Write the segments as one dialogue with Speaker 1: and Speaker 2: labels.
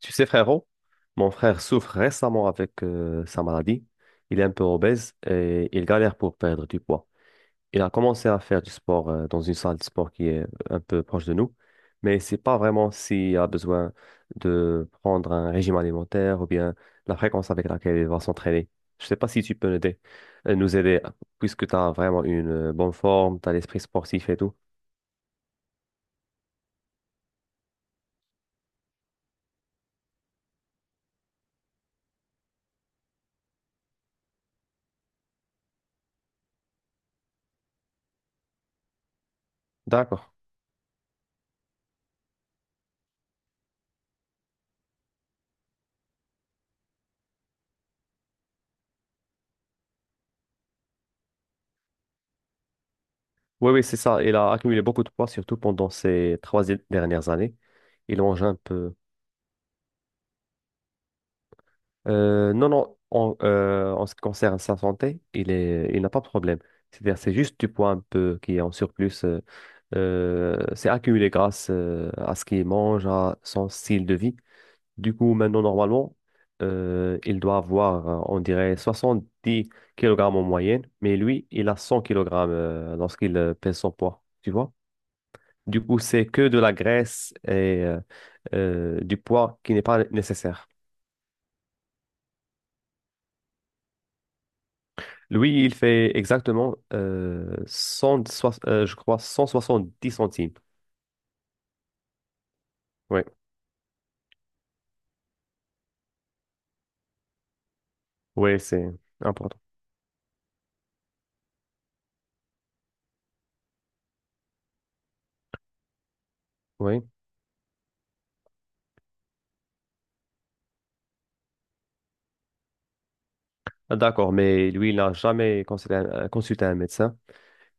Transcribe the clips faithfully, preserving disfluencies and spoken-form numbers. Speaker 1: Tu sais, frérot, mon frère souffre récemment avec euh, sa maladie. Il est un peu obèse et il galère pour perdre du poids. Il a commencé à faire du sport euh, dans une salle de sport qui est un peu proche de nous, mais c'est pas vraiment s'il a besoin de prendre un régime alimentaire ou bien la fréquence avec laquelle il va s'entraîner. Je sais pas si tu peux m'aider- euh, nous aider, puisque tu as vraiment une euh, bonne forme, tu as l'esprit sportif et tout. D'accord. Oui, oui, c'est ça. Il a accumulé beaucoup de poids, surtout pendant ces trois dernières années. Il mange un peu. Euh, non, non, en, euh, en ce qui concerne sa santé, il est, il n'a pas de problème. C'est-à-dire, c'est juste du poids un peu qui est en surplus. Euh, euh, c'est accumulé grâce euh, à ce qu'il mange, à son style de vie. Du coup, maintenant, normalement, euh, il doit avoir, euh, on dirait, soixante-dix kilogrammes en moyenne, mais lui, il a cent kilos lorsqu'il euh, pèse son poids. Tu vois? Du coup, c'est que de la graisse et euh, euh, du poids qui n'est pas nécessaire. Lui, il fait exactement euh, cent, soix- euh, je crois cent soixante-dix centimes. Oui, oui, c'est important. Oui, d'accord, mais lui, il n'a jamais consulté un, euh, consulté un médecin.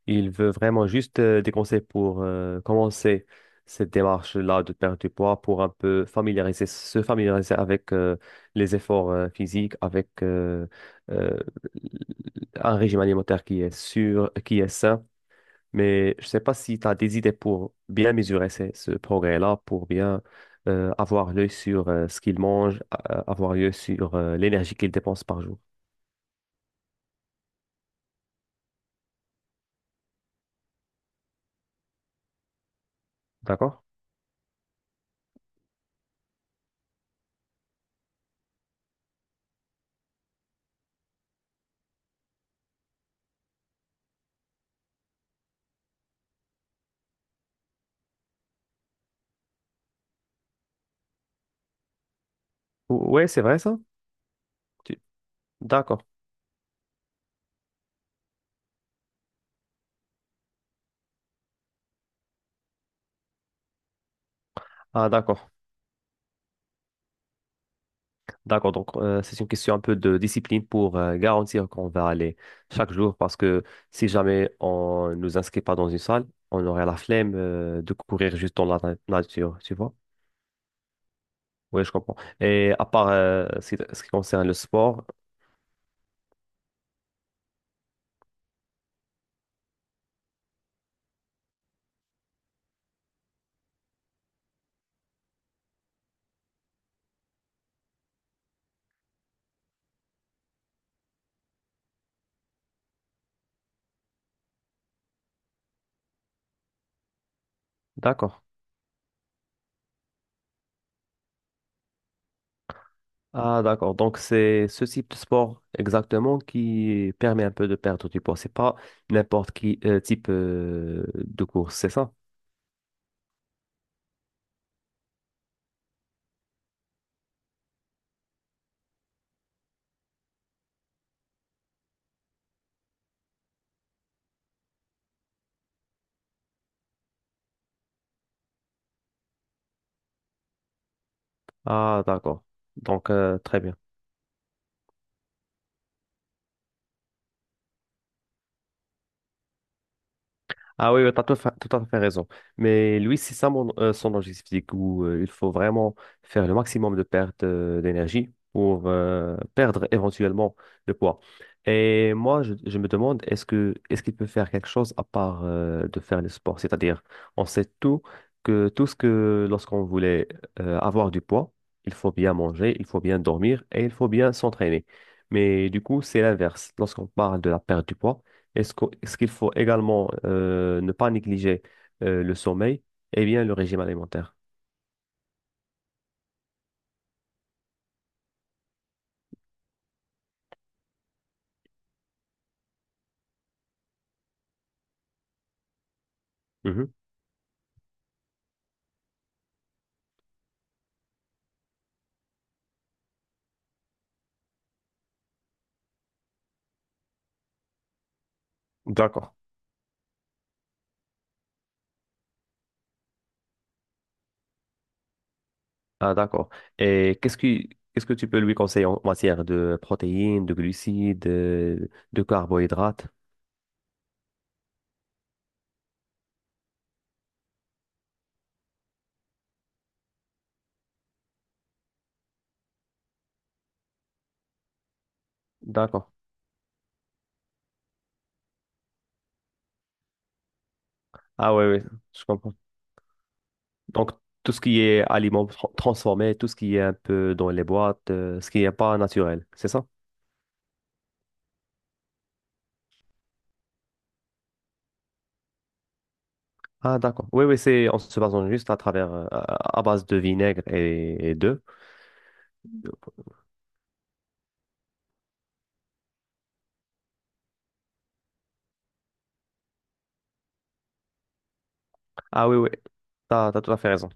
Speaker 1: Il veut vraiment juste euh, des conseils pour euh, commencer cette démarche-là de perdre du poids pour un peu familiariser, se familiariser avec euh, les efforts euh, physiques, avec euh, euh, un régime alimentaire qui est sûr, qui est sain. Mais je ne sais pas si tu as des idées pour bien mesurer ce, ce progrès-là, pour bien euh, avoir l'œil sur euh, ce qu'il mange, a- avoir l'œil sur euh, l'énergie qu'il dépense par jour. D'accord? Ou- Ouais, c'est vrai ça? Tu- D'accord. Ah, d'accord. D'accord. Donc, euh, c'est une question un peu de discipline pour euh, garantir qu'on va aller chaque jour parce que si jamais on ne nous inscrit pas dans une salle, on aurait la flemme euh, de courir juste dans la na- nature, tu vois? Oui, je comprends. Et à part euh, ce qui, ce qui concerne le sport, d'accord. Ah, d'accord. Donc, c'est ce type de sport exactement qui permet un peu de perdre du poids. C'est pas n'importe qui euh, type euh, de course, c'est ça? Ah, d'accord. Donc, euh, très bien. Ah oui, tu as tout, fa- tout à fait raison. Mais lui, c'est ça mon- euh, son objectif physique où euh, il faut vraiment faire le maximum de pertes euh, d'énergie pour euh, perdre éventuellement le poids. Et moi, je, je me demande, est-ce que, est-ce qu'il peut faire quelque chose à part euh, de faire le sport? C'est-à-dire, on sait tout que tout ce que lorsqu'on voulait euh, avoir du poids, il faut bien manger, il faut bien dormir et il faut bien s'entraîner. Mais du coup, c'est l'inverse. Lorsqu'on parle de la perte du poids, est-ce qu'au- est-ce qu'il faut également euh, ne pas négliger euh, le sommeil et bien le régime alimentaire? Mhm. D'accord. Ah, d'accord. Et qu'est-ce que, qu'est-ce que tu peux lui conseiller en matière de protéines, de glucides, euh, de, carbohydrates? D'accord. Ah oui, oui, je comprends. Donc, tout ce qui est aliments tra- transformés, tout ce qui est un peu dans les boîtes, euh, ce qui n'est pas naturel, c'est ça? Ah, d'accord. Oui, oui, c'est en se basant juste à travers, euh, à à base de vinaigre et, et d'œufs. Ah oui, oui, t'as, t'as tout à fait raison.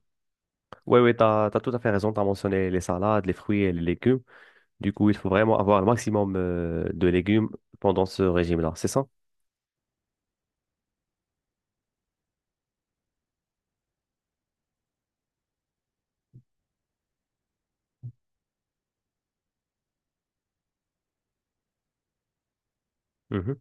Speaker 1: Oui, oui, t'as, t'as tout à fait raison. T'as mentionné les salades, les fruits et les légumes. Du coup, il faut vraiment avoir le maximum euh, de légumes pendant ce régime-là, c'est ça? Mhm.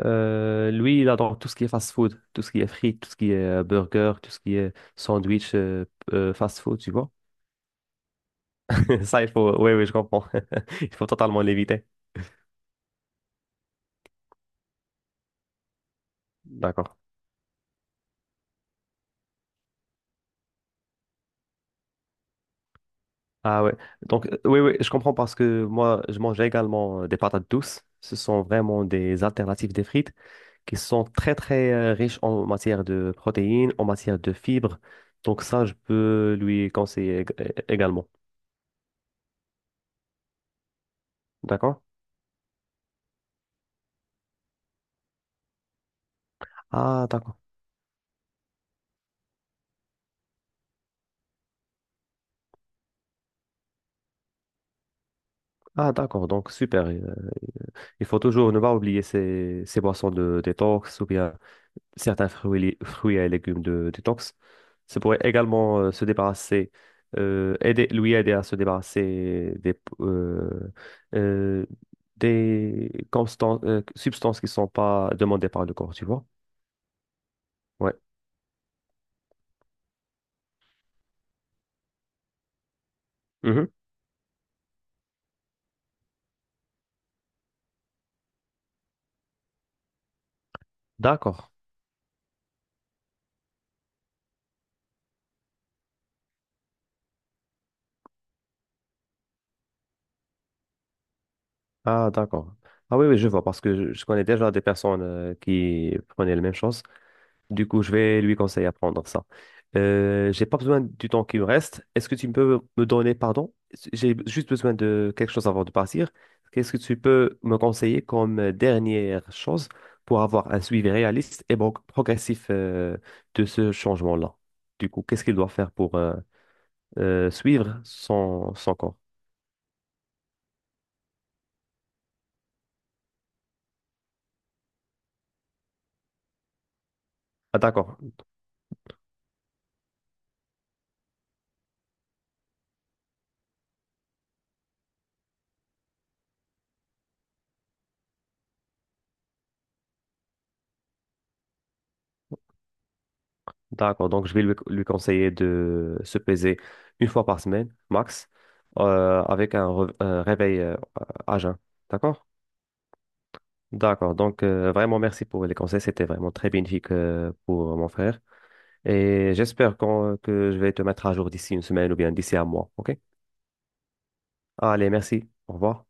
Speaker 1: Euh, lui, il adore tout ce qui est fast-food, tout ce qui est frites, tout ce qui est euh, burger, tout ce qui est sandwich euh, euh, fast-food, tu vois? Ça, il faut... Oui, oui, je comprends. Il faut totalement l'éviter. D'accord. Ah ouais. Donc, euh, oui, oui, je comprends parce que moi, je mange également euh, des patates douces. Ce sont vraiment des alternatives des frites qui sont très, très euh, riches en matière de protéines, en matière de fibres. Donc, ça, je peux lui conseiller ég- é- également. D'accord? Ah, d'accord. Ah, d'accord. Donc, super. Euh, Il faut toujours ne pas oublier ces, ces boissons de détox ou bien certains fruits, et lé- fruits et légumes de détox. Ça pourrait également euh, se débarrasser, euh, aider, lui aider à se débarrasser des, euh, euh, des constan- euh, substances qui ne sont pas demandées par le corps, tu vois? Ouais. Mhm. D'accord. Ah, d'accord. Ah oui, oui, je vois, parce que je, je connais déjà des personnes euh, qui prenaient la même chose. Du coup, je vais lui conseiller à prendre ça. Euh, j'ai pas besoin du temps qui me reste. Est-ce que tu peux me donner, pardon, j'ai juste besoin de quelque chose avant de partir. Qu'est-ce que tu peux me conseiller comme dernière chose pour avoir un suivi réaliste et bon- progressif euh, de ce changement-là? Du coup, qu'est-ce qu'il doit faire pour euh, euh, suivre son, son corps? Ah, d'accord. D'accord, donc je vais lui, lui conseiller de se peser une fois par semaine, max, euh, avec un, re- un réveil euh, à jeun. D'accord? D'accord, donc euh, vraiment merci pour les conseils, c'était vraiment très bénéfique euh, pour mon frère. Et j'espère qu'on- que je vais te mettre à jour d'ici une semaine ou bien d'ici un mois, ok? Allez, merci, au revoir.